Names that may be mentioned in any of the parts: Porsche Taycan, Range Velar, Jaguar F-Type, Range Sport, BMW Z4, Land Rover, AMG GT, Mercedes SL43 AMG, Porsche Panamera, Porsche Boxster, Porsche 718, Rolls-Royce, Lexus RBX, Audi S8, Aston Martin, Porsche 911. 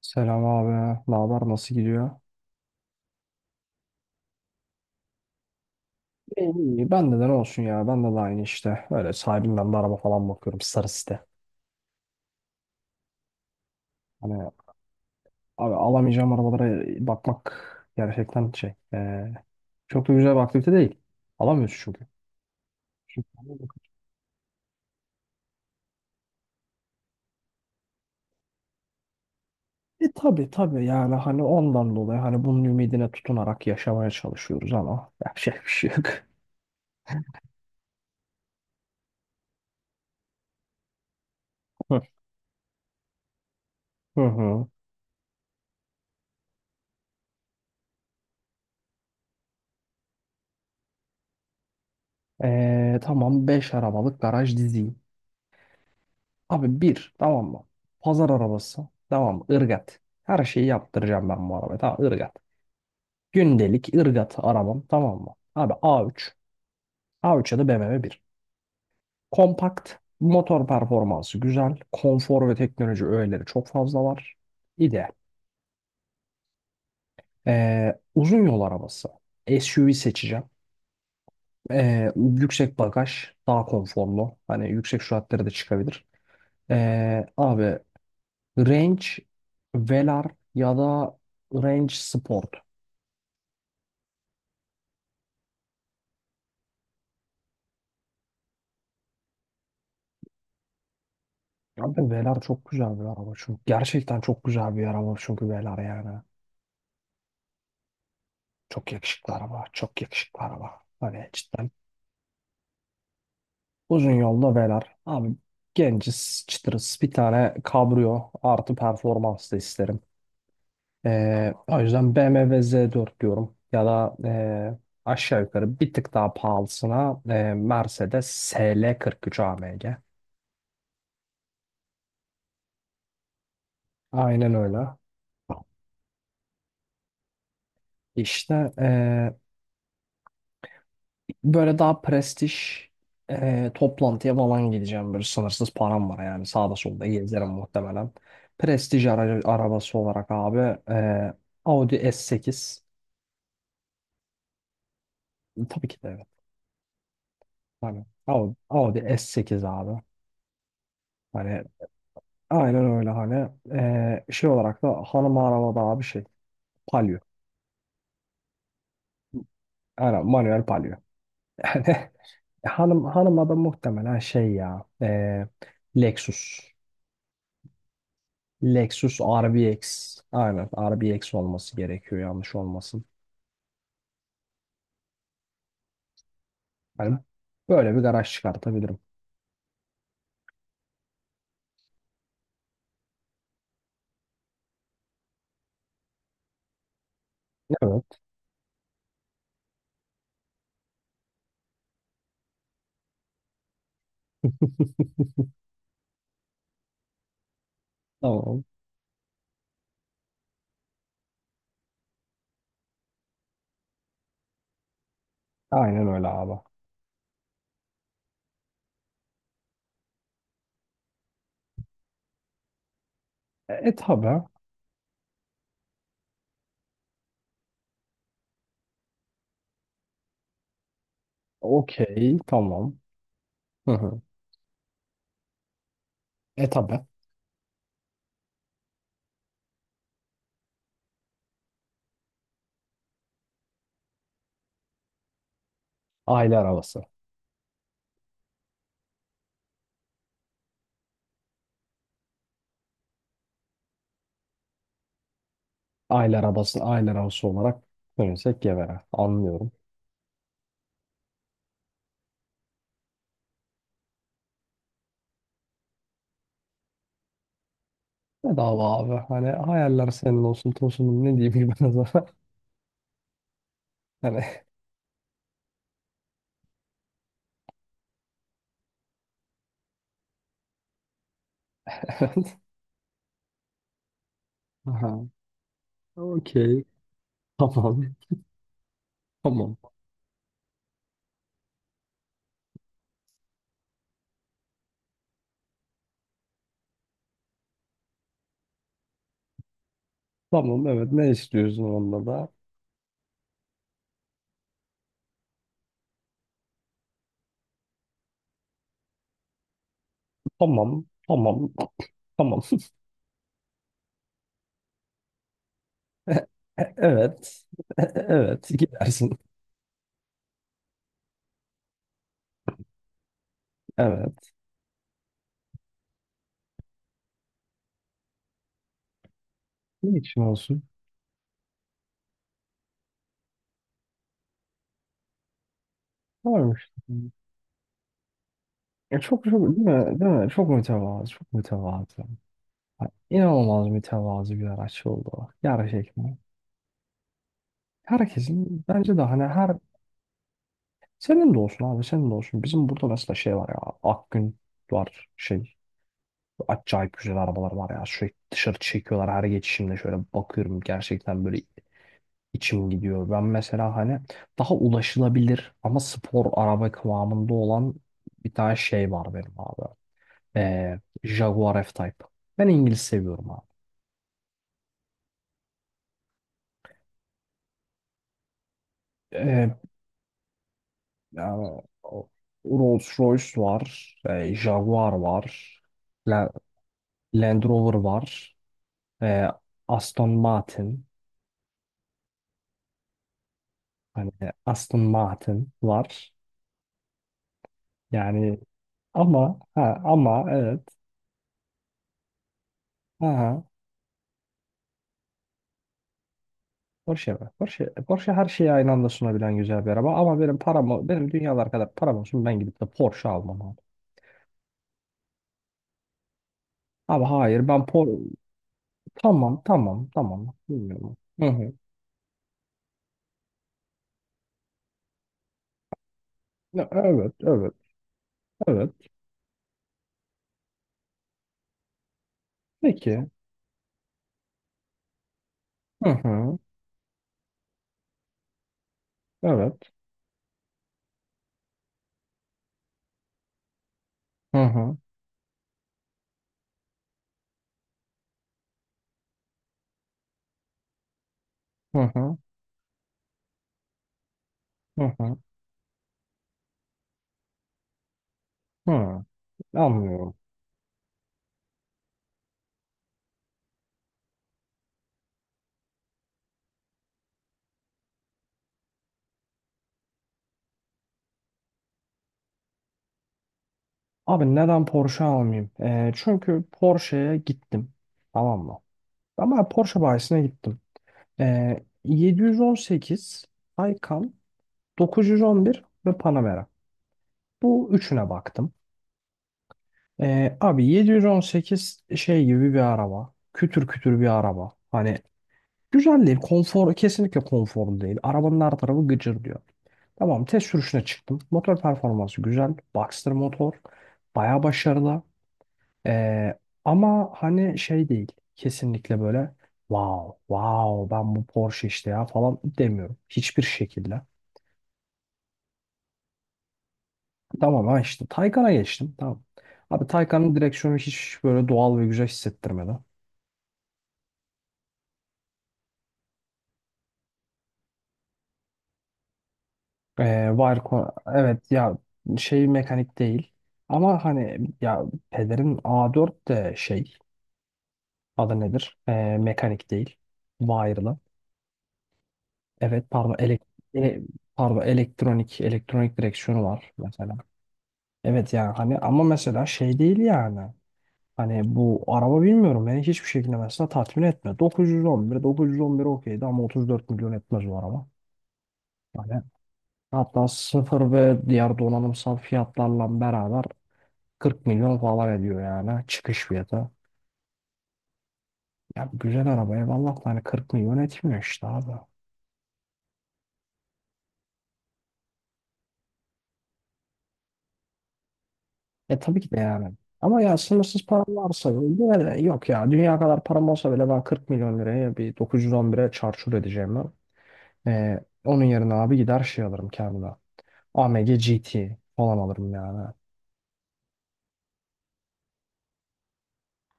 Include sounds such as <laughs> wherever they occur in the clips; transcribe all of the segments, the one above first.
Selam abi. Ne haber? Nasıl gidiyor? İyi, iyi. Bende de ne olsun ya. Bende de aynı işte. Öyle sahibinden de araba falan bakıyorum. Sarı site. Hani abi alamayacağım arabalara bakmak gerçekten şey. Çok da güzel bir aktivite değil. Alamıyorsun çünkü. Çünkü E tabi tabi, yani hani ondan dolayı, hani bunun ümidine tutunarak yaşamaya çalışıyoruz, ama yapacak bir şey yok. <laughs> Hı hı. Tamam beş arabalık garaj diziyim. Abi bir, tamam mı? Pazar arabası. Tamam mı? Irgat. Her şeyi yaptıracağım ben bu arabaya. Tamam, ırgat. Gündelik ırgat arabam, tamam mı? Abi A3. A3 ya da BMW bir Kompakt. Motor performansı güzel. Konfor ve teknoloji öğeleri çok fazla var. İdeal. Uzun yol arabası. SUV seçeceğim. Yüksek bagaj. Daha konforlu. Hani yüksek süratlere de çıkabilir. Abi Range Velar ya da Range Sport. Abi Velar çok güzel bir araba çünkü. Gerçekten çok güzel bir araba çünkü Velar, yani. Çok yakışıklı araba. Çok yakışıklı araba. Hani cidden. Uzun yolda Velar. Abi genciz, çıtırız. Bir tane kabrio artı performans da isterim. O yüzden BMW Z4 diyorum. Ya da aşağı yukarı bir tık daha pahalısına Mercedes SL43 AMG. Aynen öyle. İşte böyle daha prestij, toplantıya falan gideceğim. Böyle sınırsız param var, yani sağda solda gezerim muhtemelen. Prestij aracı, arabası olarak abi Audi S8, tabii ki de, evet. Hani Audi, Audi S8 abi. Hani aynen öyle, hani şey olarak da, hanım arabada abi, şey, Palio. Aynen manuel Palio. <laughs> Hani hanım hanıma da muhtemelen şey, ya, Lexus. Lexus R B RBX. Aynen R B X olması gerekiyor, yanlış olmasın. Hani böyle bir garaj çıkartabilirim. Evet. <laughs> Tamam. Aynen öyle abi. E, tabi. Okey. Tamam. Hı hı. E, tabi. Aile arabası. Aile arabası. Aile arabası olarak dönürsek Gevere. Anlıyorum. Ne dava abi. Hani hayaller senin olsun tosunum, ne diyeyim ki ben o zaman. <laughs> Hani evet. Aha. Okey. Tamam. Tamam. Tamam, evet. Ne istiyorsun onda da? Tamam, tamam, tamam. <laughs> Evet, <laughs> evet, gidersin. Evet. Ne için olsun? Varmış. Ya çok çok değil mi? Değil mi? Çok mütevazı, çok mütevazı. Ha, İnanılmaz mütevazı bir araç oldu o. Gerçekten. Herkesin, bence de hani, her senin de olsun abi, senin de olsun. Bizim burada mesela şey var ya, Akgün var, şey, acayip güzel arabalar var ya, sürekli dışarı çekiyorlar, her geçişimde şöyle bakıyorum, gerçekten böyle içim gidiyor. Ben mesela hani daha ulaşılabilir ama spor araba kıvamında olan bir tane şey var benim abi. Ee, Jaguar F-Type. Ben İngiliz seviyorum abi. Ee, yani, Rolls-Royce var. Jaguar var. La- Land Rover var. Ee, Aston Martin. Hani Aston Martin var. Yani ama, evet. Aha. Porsche var. Porsche, Porsche her şeyi aynı anda sunabilen güzel bir araba. Ama benim param, benim dünyalar kadar param olsun, ben gidip de Porsche almam abi. Abi hayır ben. Tamam tamam tamam. Bilmiyorum. Hı hı. Ya, evet evet evet. Peki. Hı hı. Evet. Hı hı. Hı hı. Hı hı. Hı. Anlıyorum. Abi neden Porsche almayayım? Çünkü Porsche'ye gittim. Tamam mı? Ama Porsche bayisine gittim. 718 Taycan, 911 ve Panamera. Bu üçüne baktım. Abi 718 şey gibi bir araba. Kütür kütür bir araba. Hani güzel değil. Konfor, kesinlikle konforlu değil. Arabanın her tarafı gıcır diyor. Tamam, test sürüşüne çıktım. Motor performansı güzel. Boxster motor. Baya başarılı. Ee, ama hani şey değil. Kesinlikle böyle wow wow ben bu Porsche işte ya falan demiyorum. Hiçbir şekilde. Tamam, ha, işte Taycan'a geçtim. Tamam. Abi Taycan'ın direksiyonu hiç böyle doğal ve güzel hissettirmedi. Var evet ya, şey mekanik değil. Ama hani ya, pederin A4 de şey, adı nedir? Mekanik değil. Wire'lı. Evet pardon ele- pardon elektronik direksiyonu var mesela. Evet yani, hani ama mesela şey değil yani. Hani bu araba bilmiyorum, beni hiçbir şekilde mesela tatmin etmiyor. 911 okeydi ama 34 milyon etmez o araba. Hani hatta sıfır ve diğer donanımsal fiyatlarla beraber 40 milyon falan ediyor yani, çıkış fiyatı. Ya güzel araba eyvallah da hani 40 milyon etmiyor işte abi. E, tabii ki de yani. Ama ya sınırsız param varsa yine de, yok ya, dünya kadar param olsa bile ben 40 milyon liraya bir 911'e çarçur edeceğim ben. Onun yerine abi gider şey alırım kendime. AMG GT falan alırım yani.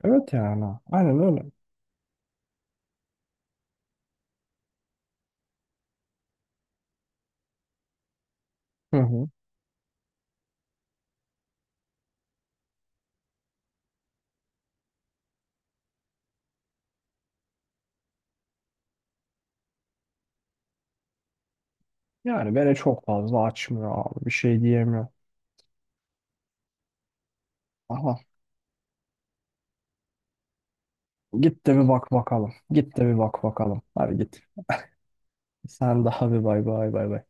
Evet yani. Aynen öyle. Hı hı. Yani beni çok fazla açmıyor abi. Bir şey diyemiyorum. Aha. Git de bir bak bakalım. Git de bir bak bakalım. Hadi git. Sen daha bir, bay bay bay bay.